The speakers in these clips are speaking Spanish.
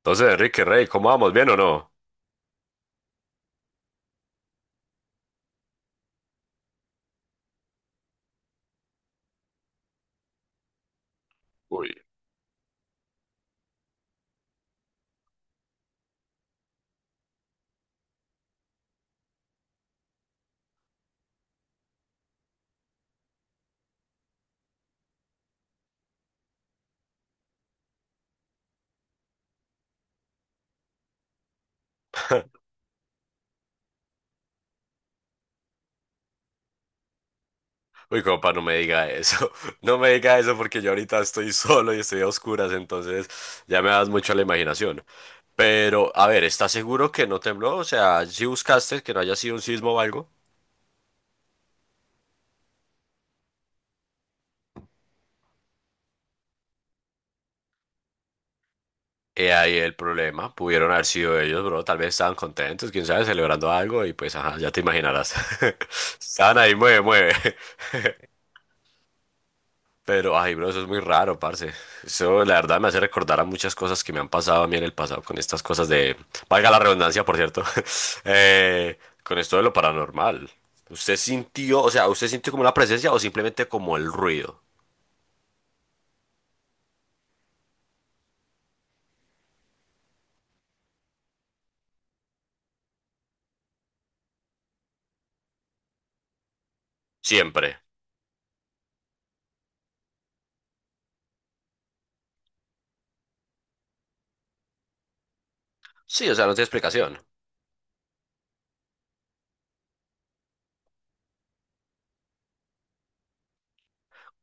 Entonces, Enrique Rey, ¿cómo vamos? ¿Bien o no? Uy, compa, no me diga eso. No me diga eso porque yo ahorita estoy solo y estoy a oscuras, entonces ya me das mucho a la imaginación. Pero, a ver, ¿estás seguro que no tembló? O sea, si buscaste que no haya sido un sismo o algo. He ahí el problema. Pudieron haber sido ellos, bro. Tal vez estaban contentos, quién sabe, celebrando algo y pues, ajá, ya te imaginarás. Estaban ahí, mueve, mueve. Pero, ay, bro, eso es muy raro, parce. Eso, la verdad, me hace recordar a muchas cosas que me han pasado a mí en el pasado con estas cosas de... Valga la redundancia, por cierto. eh, con esto de lo paranormal. ¿Usted sintió, o sea, usted sintió como una presencia o simplemente como el ruido? Siempre. Sí, o sea, no tiene explicación.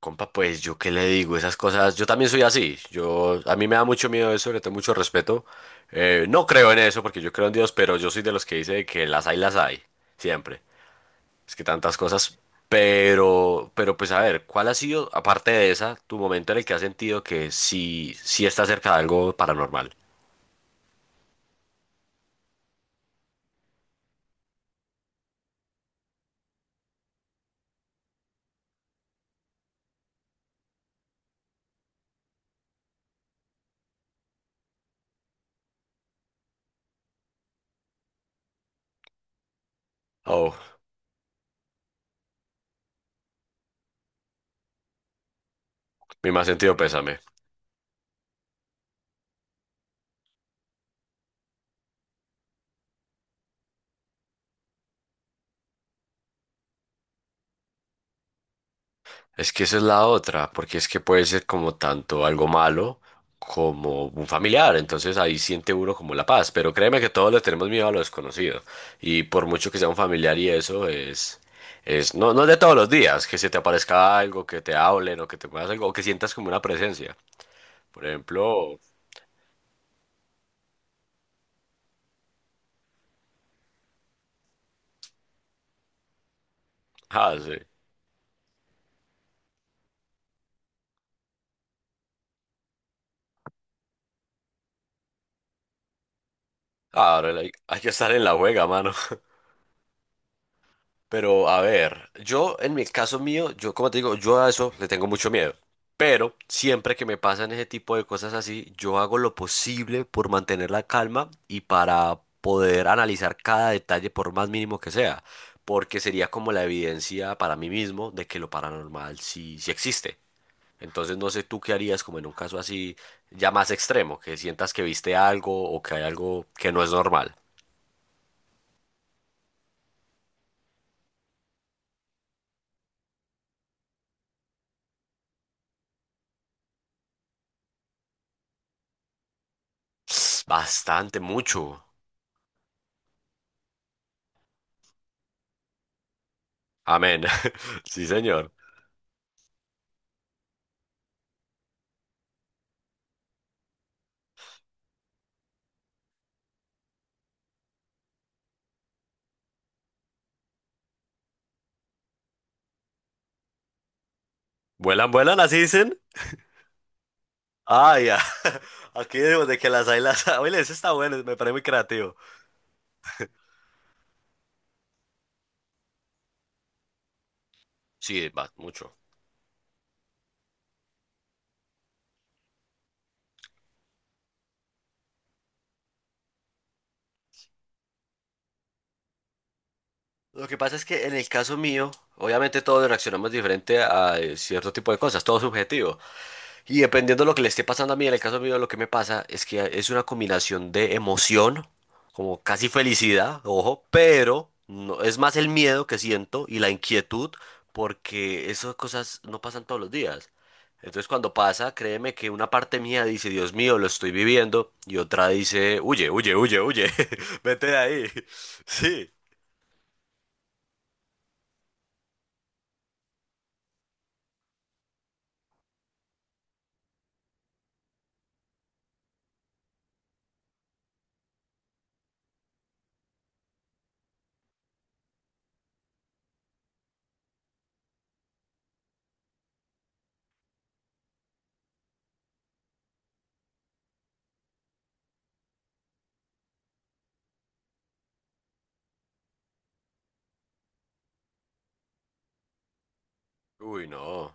Compa, pues, ¿yo qué le digo? Esas cosas... Yo también soy así. Yo... A mí me da mucho miedo eso, le tengo mucho respeto. No creo en eso porque yo creo en Dios, pero yo soy de los que dice que las hay, las hay. Siempre. Es que tantas cosas, pero, pues a ver, ¿cuál ha sido, aparte de esa, tu momento en el que has sentido que sí, sí está cerca de algo paranormal? Oh, mi más sentido pésame. Es que esa es la otra, porque es que puede ser como tanto algo malo como un familiar, entonces ahí siente uno como la paz, pero créeme que todos le tenemos miedo a lo desconocido, y por mucho que sea un familiar y eso es... Es, no, no es de todos los días, que se te aparezca algo, que te hablen o que te muevas algo, o que sientas como una presencia. Por ejemplo, Ah, sí. Ahora hay que estar en la juega, mano. Pero a ver, yo en mi caso mío, yo como te digo, yo a eso le tengo mucho miedo. Pero siempre que me pasan ese tipo de cosas así, yo hago lo posible por mantener la calma y para poder analizar cada detalle por más mínimo que sea, porque sería como la evidencia para mí mismo de que lo paranormal sí, sí existe. Entonces no sé tú qué harías como en un caso así ya más extremo, que sientas que viste algo o que hay algo que no es normal. Bastante, mucho. Amén. Sí, señor. ¿Vuelan, vuelan? ¿Así dicen? Ah, ya. Aquí decimos de que las hay, las hay. Oye, ese está bueno, me parece muy creativo. Sí, va, mucho. Lo que pasa es que en el caso mío, obviamente todos reaccionamos diferente a cierto tipo de cosas, todo es subjetivo. Y dependiendo de lo que le esté pasando a mí, en el caso mío, lo que me pasa es que es una combinación de emoción, como casi felicidad, ojo, pero no, es más el miedo que siento y la inquietud, porque esas cosas no pasan todos los días. Entonces, cuando pasa, créeme que una parte mía dice, Dios mío, lo estoy viviendo, y otra dice, huye, huye, huye, huye, vete de ahí. Sí. Uy, no.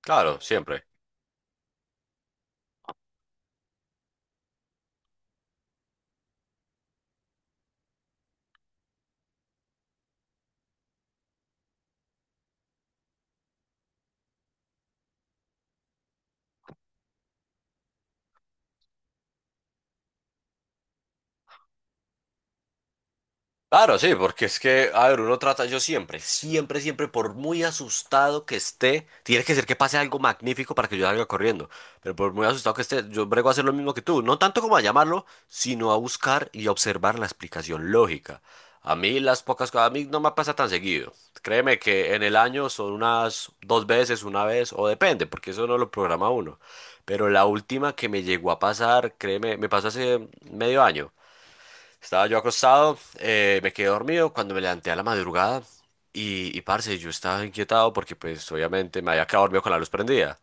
Claro, siempre. Claro, sí, porque es que, a ver, uno trata, yo siempre, siempre, siempre, por muy asustado que esté, tiene que ser que pase algo magnífico para que yo salga corriendo, pero por muy asustado que esté, yo brego a hacer lo mismo que tú, no tanto como a llamarlo, sino a buscar y a observar la explicación lógica. A mí las pocas cosas, a mí no me pasa tan seguido. Créeme que en el año son unas dos veces, una vez, o depende, porque eso no lo programa uno. Pero la última que me llegó a pasar, créeme, me pasó hace medio año. Estaba yo acostado, me quedé dormido cuando me levanté a la madrugada y parce, yo estaba inquietado porque pues obviamente me había quedado dormido con la luz prendida.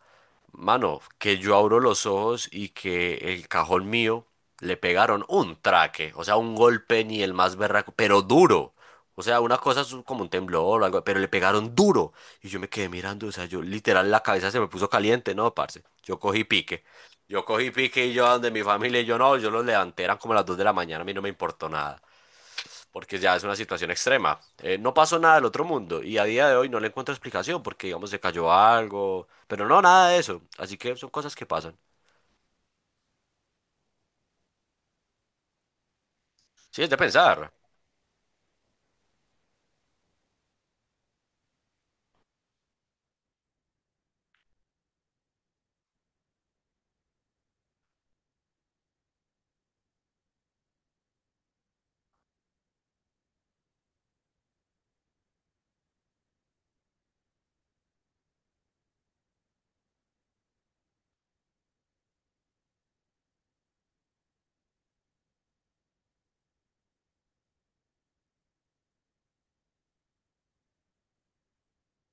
Mano, que yo abro los ojos y que el cajón mío le pegaron un traque, o sea, un golpe ni el más berraco, pero duro. O sea, una cosa es como un temblor o algo, pero le pegaron duro. Y yo me quedé mirando, o sea, yo literal la cabeza se me puso caliente, ¿no, parce? Yo cogí pique. Yo cogí pique y yo a donde mi familia y yo no, yo los levanté, eran como las 2 de la mañana, a mí no me importó nada porque ya es una situación extrema. No pasó nada del otro mundo y a día de hoy no le encuentro explicación porque, digamos, se cayó algo, pero no, nada de eso. Así que son cosas que pasan. Sí, es de pensar.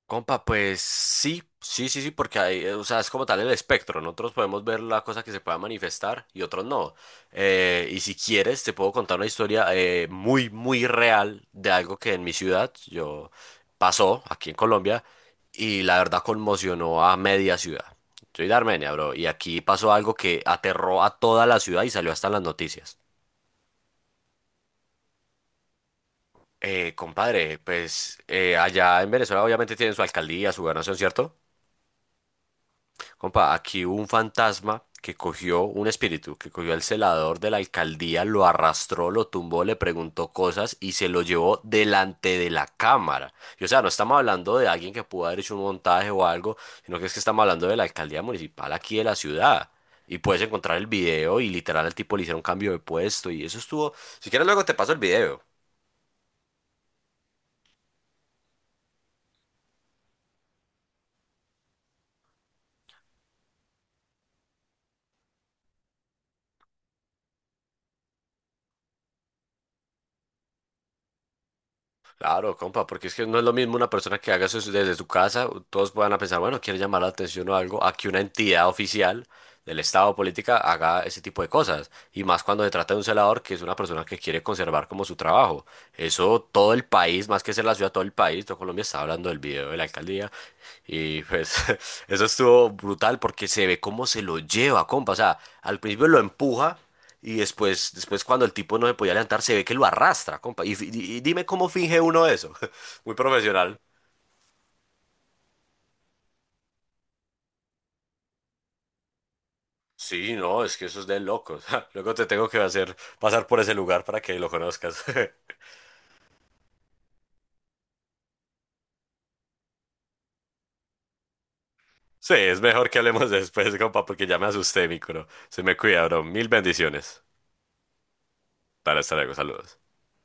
Compa, pues sí, sí, sí, sí, porque hay, o sea, es como tal el espectro. Nosotros podemos ver la cosa que se pueda manifestar y otros no. Y si quieres, te puedo contar una historia muy, muy real de algo que en mi ciudad yo pasó aquí en Colombia y la verdad conmocionó a media ciudad. Soy de Armenia, bro, y aquí pasó algo que aterró a toda la ciudad y salió hasta en las noticias. Compadre, pues allá en Venezuela obviamente tienen su alcaldía, su gobernación, ¿cierto? Compa, aquí hubo un fantasma que cogió un espíritu, que cogió al celador de la alcaldía, lo arrastró, lo tumbó, le preguntó cosas y se lo llevó delante de la cámara. Y o sea, no estamos hablando de alguien que pudo haber hecho un montaje o algo, sino que es que estamos hablando de la alcaldía municipal aquí de la ciudad. Y puedes encontrar el video y literal al tipo le hicieron cambio de puesto y eso estuvo. Si quieres luego te paso el video. Claro, compa, porque es que no es lo mismo una persona que haga eso desde su casa, todos van a pensar, bueno, quiere llamar la atención o algo, a que una entidad oficial del Estado o política haga ese tipo de cosas. Y más cuando se trata de un celador que es una persona que quiere conservar como su trabajo. Eso todo el país, más que ser la ciudad, todo el país, todo Colombia está hablando del video de la alcaldía. Y pues eso estuvo brutal porque se ve cómo se lo lleva, compa. O sea, al principio lo empuja y después, después cuando el tipo no se podía levantar, se ve que lo arrastra, compa. Y, y dime cómo finge uno eso. Muy profesional. Sí, no, es que eso es de locos. Luego te tengo que hacer pasar por ese lugar para que lo conozcas. Sí, es mejor que hablemos después, compa, porque ya me asusté, mi culo. Se me cuida, bro. Mil bendiciones. Dale, hasta luego, saludos.